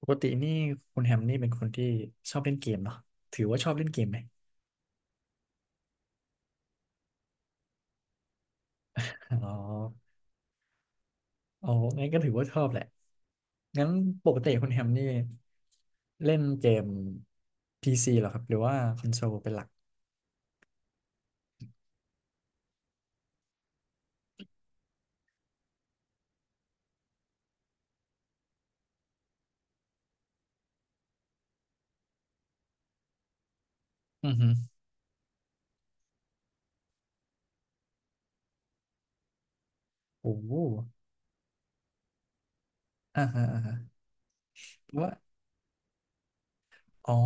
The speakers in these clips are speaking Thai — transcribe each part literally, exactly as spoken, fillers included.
ปกตินี่คุณแฮมนี่เป็นคนที่ชอบเล่นเกมเนาะถือว่าชอบเล่นเกมไหมอ๋ออ๋อางั้นก็ถือว่าชอบแหละงั้นปกติคุณแฮมนี่เล่นเกม พี ซี เหรอครับหรือว่าคอนโซลเป็นหลักอือฮึโอ้โหอ่าฮะอ่าฮะแปลว่าอ๋อ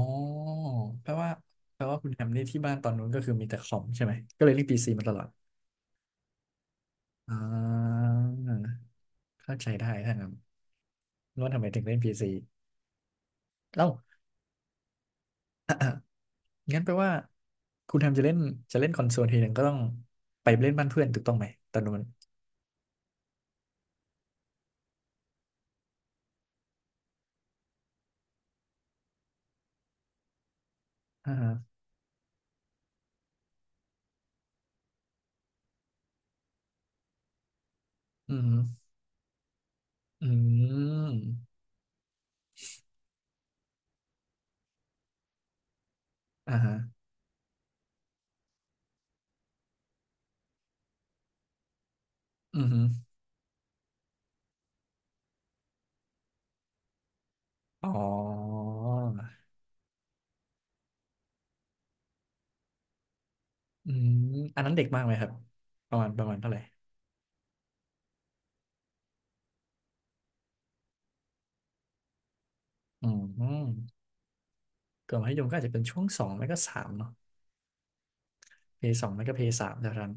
แปลว่าแปลว่าคุณแฮมนี่ที่บ้านตอนนู้นก็คือมีแต่คอมใช่ไหมก็เลยเล่น พี ซี มาตลอดอ่าเข้าใจได้ถ้างั้นว่าทำไมถึงเล่น พี ซี เล่า งั้นแปลว่าคุณแฮมจะเล่นจะเล่นคอนโซลทีหนึ่งก็ต้องไปเล่นบ้านเพื่อนถูกต้องไหมตอนนู้นอ่าฮะอืมอืมอ่าฮะอืมอ๋ออืมอันนั้นเด็กมากไหมครับประมาณประมาณเท่าไหร่อืมก่อนมัธยมก็อาจจะเป็นช่วงสองไม่ก็สามเนาะเพย์สองไม่ก็เพย์สามเท่านั้น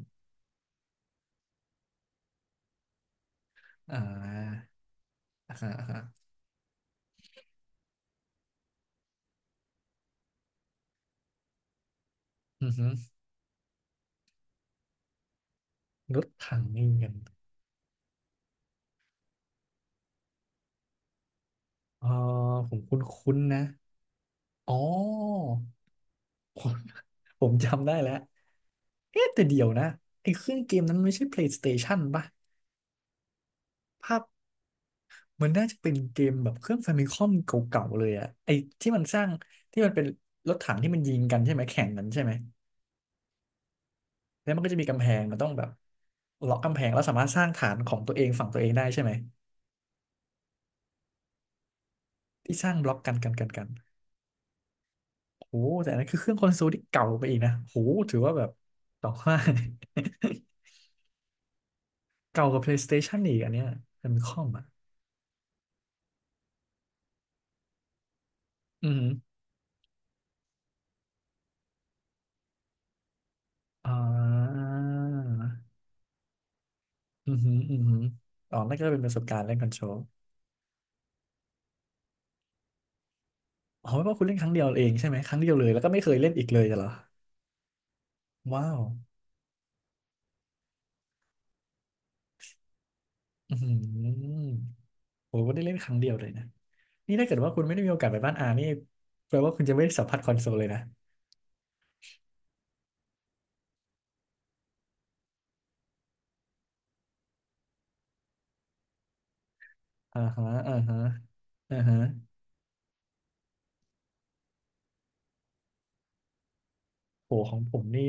อ่าอ่าฮะอ่าฮะอืมรถถังนี่กันอ๋อผมคุ้นๆนะอ๋อ ผมจำได้แล้วเอ๊ะแต่เดี๋ยวนะไอ้เครื่องเกมนั้นมันไม่ใช่ PlayStation ป่ะภาพมันน่าจะเป็นเกมแบบเครื่อง f ฟมิคอมเก่าๆเลยอะไอ้ที่มันสร้าง ที่มันเป็นรถถังที่มันยิงกันใช่ไหมแข่งกันใช่ไหม แล้วมันก็จะมีกำแพงมันต้องแบบล็อกกำแพงแล้วสามารถสร้างฐานของตัวเองฝั่งตัวเองได้ใช่ไหมที่สร้างบล็อกกันกันกันกันโอ้โหแต่อันนั้นคือเครื่องคอนโซลที่เก่าไปอีกนะโอ้โหถือว่าแบบต่อว่า เก่ากว่า PlayStation อีกอันเนี้ยแฟมิคอมอ่ะอืม อ่าอือหืออือหืออ๋อนั่นก็เป็นประสบการณ์เล่นคอนโทรลอ๋อไม่ว่าคุณเล่นครั้งเดียวเองใช่ไหมครั้งเดียวเลยแล้วก็ไม่เคยเล่นอีกเลยเหรอว้าวอือหือโอ้โหได้เล่นครั้งเดียวเลยนะนี่ถ้าเกิดว่าคุณไม่ได้มีโอกาสไปบ้านอานี่แปลว่าคุณจะไม่ได้สัมผัสคอนโซลเลยนะอ่าฮะอ่าฮะอ่าฮะโหของผมนี่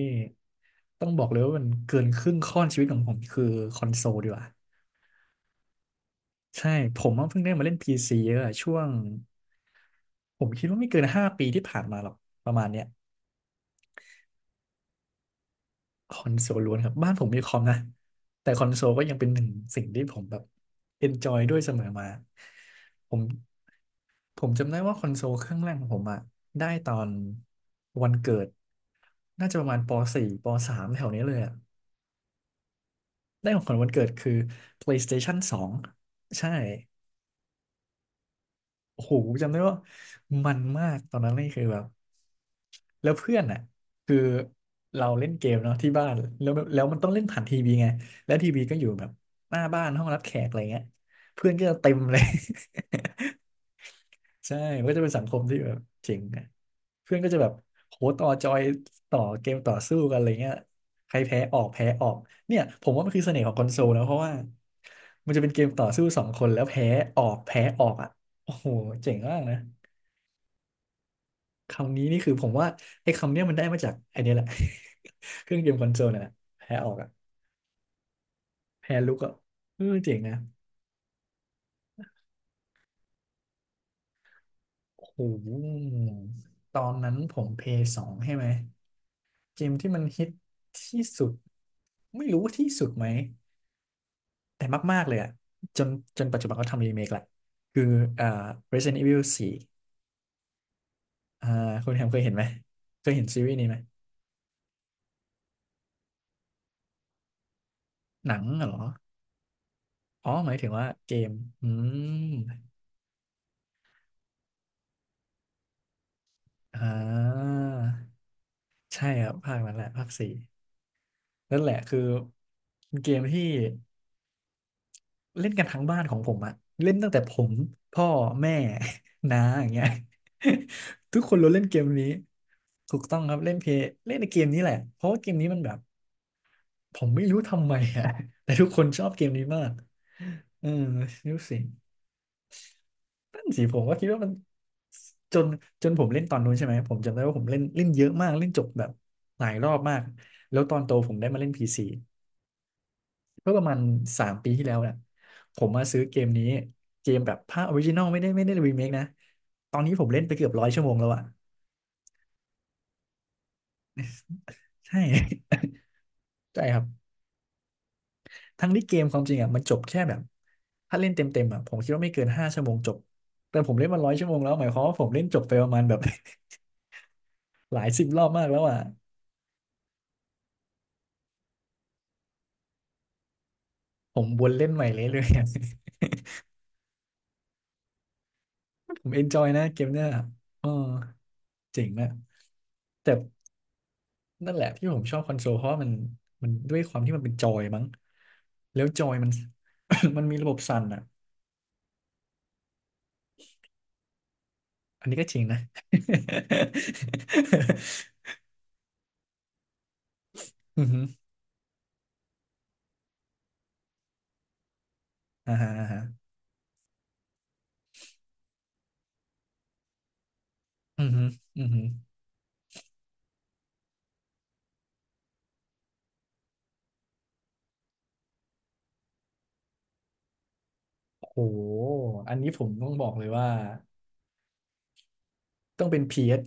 ต้องบอกเลยว่ามันเกินครึ่งข้อนชีวิตของผมคือคอนโซลดีกว่า ใช่ผมว่าเพิ่งได้มาเล่น พี ซี เยอะอะช่วงผมคิดว่าไม่เกินห้าปีที่ผ่านมาหรอกประมาณเนี้ยคอนโซลล้วนครับบ้านผมมีคอมนะแต่คอนโซลก็ยังเป็นหนึ่งสิ่งที่ผมแบบเอนจอยด้วยเสมอมาผมผมจำได้ว่าคอนโซลเครื่องแรกของผมอะได้ตอนวันเกิดน่าจะประมาณป .สี่ ป .สาม แถวนี้เลยอะได้ของขวัญวันเกิดคือ PlayStation สองใช่ โอ้โหจำได้ว่ามันมากตอนนั้นนี่คือแบบแล้วเพื่อนอ่ะคือเราเล่นเกมเนาะที่บ้านแล้วแล้วมันต้องเล่นผ่านทีวีไงแล้วทีวีก็อยู่แบบหน้าบ้านห้องรับแขกอะไรเงี้ยเพื่อนก็จะเต็มเลย ใช่มันก็จะเป็นสังคมที่แบบเจ๋งนะเพื่อนก็จะแบบโหต่อจอยต่อเกมต่อสู้กันอะไรเงี้ยใครแพ้ออกแพ้ออกเนี่ยผมว่ามันคือเสน่ห์ของคอนโซลนะเพราะว่ามันจะเป็นเกมต่อสู้สองคนแล้วแพ้ออกแพ้ออกอ่ะโอ้โหเจ๋งมากนะ คำนี้นี่คือผมว่าไอ้คำเนี้ยมันได้มาจากไอ้เนี่ยแหละ เครื่องเกมคอนโซลน่ะนะแพ้ออกอ่ะแพ้ลุกอ่ะเออเจ๋งนะโอ้โหตอนนั้นผมเพย์สองใช่ไหมเกมที่มันฮิตที่สุดไม่รู้ว่าที่สุดไหมแต่มากๆเลยอ่ะจนจนปัจจุบันเขาทำรีเมคแหละคืออ่า Resident Evil สี่อ่าคุณแฮมเคยเห็นไหมเคยเห็นซีรีส์นี้ไหมหนังเหรออ๋อหมายถึงว่าเกมอืมอ่า ใช่ครับภาคนั้นแหละภาคสี่นั่นแหละคือเกมที่เล่นกันทั้งบ้านของผมอะเล่นตั้งแต่ผมพ่อแม่ น้าอย่างเงี้ย ทุกคนล้วนเล่นเกมนี้ถูกต้องครับเล่นเพย์เล่นในเกมนี้แหละเพราะว่าเกมนี้มันแบบผมไม่รู้ทำไมอะ แต่ทุกคนชอบเกมนี้มากเออไม่รู้สินั่นสิผมก็คิดว่ามันจนจนผมเล่นตอนนู้นใช่ไหมผมจำได้ว่าผมเล่นเล่นเยอะมากเล่นจบแบบหลายรอบมากแล้วตอนโตผมได้มาเล่นพีซี เมื่อประมาณสามปีที่แล้วเนี่ยผมมาซื้อเกมนี้เกมแบบภาคออริจินอลไม่ได้ไม่ได้รีเมคนะตอนนี้ผมเล่นไปเกือบร้อยชั่วโมงแล้วอะใช่ ใช่ครับทั้งที่เกมความจริงอะมันจบแค่แบบถ้าเล่นเต็มเต็มอะผมคิดว่าไม่เกินห้าชั่วโมงจบแต่ผมเล่นมาร้อยชั่วโมงแล้วหมายความว่าผมเล่นจบไปประมาณแบบ หลายสิบรอบมากแล้วอะผมวนเล่นใหม่เรื่อยๆอะ ผมเอนจอยนะเกมเนี้ยอ๋อเจ๋งอะแต่นั่นแหละที่ผมชอบคอนโซลเพราะว่ามันมันด้วยความที่มันเป็นจอยมั้ง แล้วจอยมัน มันมีระบบสั่นอ่ะอันนี้ก็จริงนะ อือฮึอ่าฮะอ่าฮะอือฮึอือฮึโอ้โหอันนี้ผมต้องบอกเลยว่าต้องเป็นพพีเอส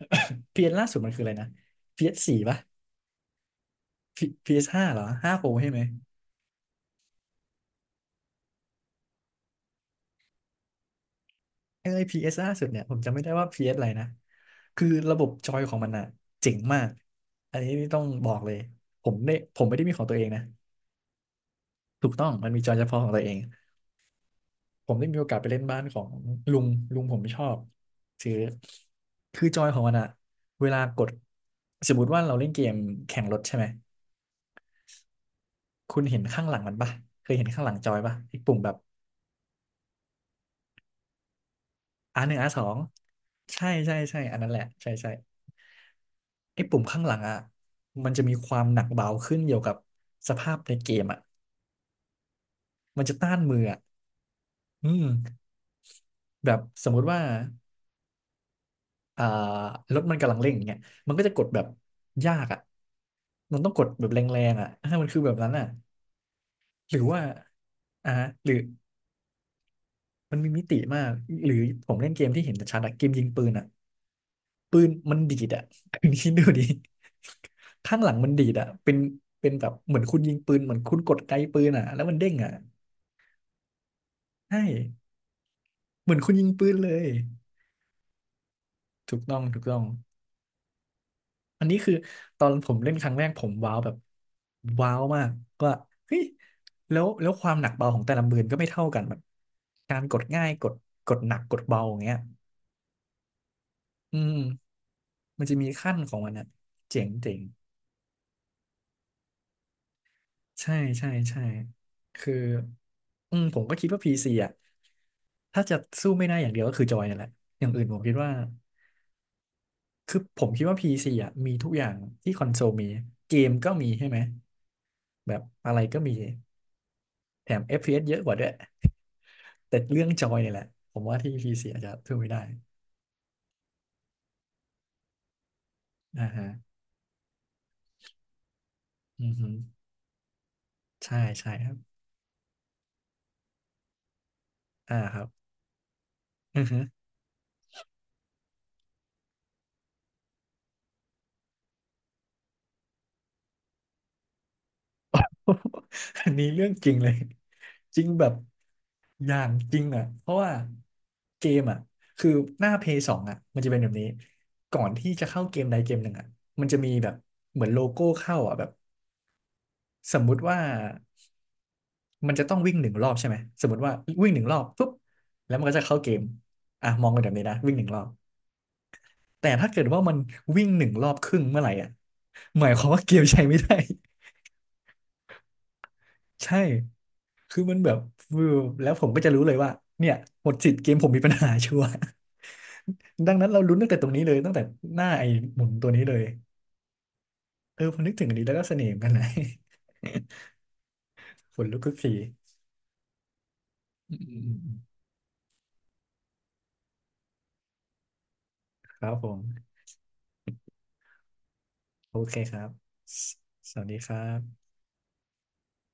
พีเอส ล่าสุดมันคืออะไรนะพีเอสสี่ปะ P- พีเอสห้าเหรอห้าโปรใช่ไหมเอ้ p สล่าสุดเนี่ยผมจำไม่ได้ว่า พี เอส อสอะไรนะคือระบบจอยของมันอ่ะเจ๋งมากอันนี้ต้องบอกเลยผมได้ผมไม่ได้มีของตัวเองนะถูกต้องมันมีจอยเฉพาะของตัวเอง ผมได้มีโอกาสไปเล่นบ้านของลุงลุงผมไม่ชอบคือคือจอยของมันอะเวลากดสมมติว่าเราเล่นเกมแข่งรถใช่ไหมคุณเห็นข้างหลังมันปะเคยเห็นข้างหลังจอยปะไอ้ปุ่มแบบอาร์หนึ่งอาร์สองใช่ใช่ใช่อันนั้นแหละใช่ใช่ไอ้ปุ่มข้างหลังอะมันจะมีความหนักเบาขึ้นเกี่ยวกับสภาพในเกมอะมันจะต้านมืออะอืมแบบสมมุติว่า อ่ารถมันกำลังเร่งอย่างเงี้ยมันก็จะกดแบบยากอ่ะมันต้องกดแบบแรงๆอ่ะอ่ามันคือแบบนั้นอ่ะหรือว่าอ่าหรือมันมีมิติมาก หรือผมเล่นเกมที่เห็นชัดอะเกมยิงปืนอ่ะปืนมันดีดอ่ะ คุณคิดดูดิข้างหลังมันดีดอ่ะเป็นเป็นแบบเหมือนคุณยิงปืนเหมือนคุณกดไกปืนอ่ะแล้วมันเด้งอ่ะใช่เหมือนคุณยิงปืนเลยถูกต้องถูกต้อง อันนี้คือตอนผมเล่นครั้งแรกผมว้าวแบบว้าวมากว่าเฮ้ยแล้วแล้วความหนักเบาของแต่ละมือก็ไม่เท่ากันแบบการกดง่ายกดกดหนักกดเบาอย่างเงี้ยอืมมันจะมีขั้นของมันอะเจ๋งเจ๋งใช่ใช่ใช่คืออืมผมก็คิดว่าพีซีอะถ้าจะสู้ไม่ได้อย่างเดียวก็คือจอยนั่นแหละอย่างอื่นผมคิดว่าคือผมคิดว่า พี ซี อ่ะมีทุกอย่างที่คอนโซลมีเกมก็มีใช่ไหมแบบอะไรก็มี แถม เอฟ พี เอส เอสเยอะกว่าด้วย แต่เรื่องจอยเนี่ยแหละ ผมว่าที่ พี ซี อาจจะส่้ไม่ได้อ่าฮะอือฮึใช่ใช่ครับ อ่าครับอือฮึ อันนี้เรื่องจริงเลยจริงแบบอย่างจริงอ่ะ เพราะว่าเกมอ่ะคือหน้า Play สององอ่ะมันจะเป็นแบบนี้ก่อนที่จะเข้าเกมใดเกมหนึ่งอ่ะมันจะมีแบบเหมือนโลโก้เข้าอ่ะแบบสมมุติว่า มันจะต้องวิ่งหนึ่งรอบใช่ไหมสมมติว่าวิ่งหนึ่งรอบปุ๊บแล้วมันก็จะเข้าเกมอ่ะมองไปนแบบนี้นะวิ่งหนึ่งรอบแต่ถ้าเกิดว่ามันวิ่งหนึ่งรอบครึ่งเมื่อไหร่อ่ะหมายความว่าเกมใช้ไม่ได้ ใช่คือมันแบบฟิวแล้วผมก็จะรู้เลยว่าเนี่ยหมดสิทธิ์เกมผมมีปัญหาชัวร์ ดังนั้นเราลุ้นตั้งแต่ตรงนี้เลยตั้งแต่หน้าไอ้หมุนตัวนี้เลยเออพอนึกถึงอันนี้แล้วก็เสน่ห์เหมือนกันนะ ขนลุกทุกทีอืมๆๆครับผมโอเคครับสสวัสดีครับ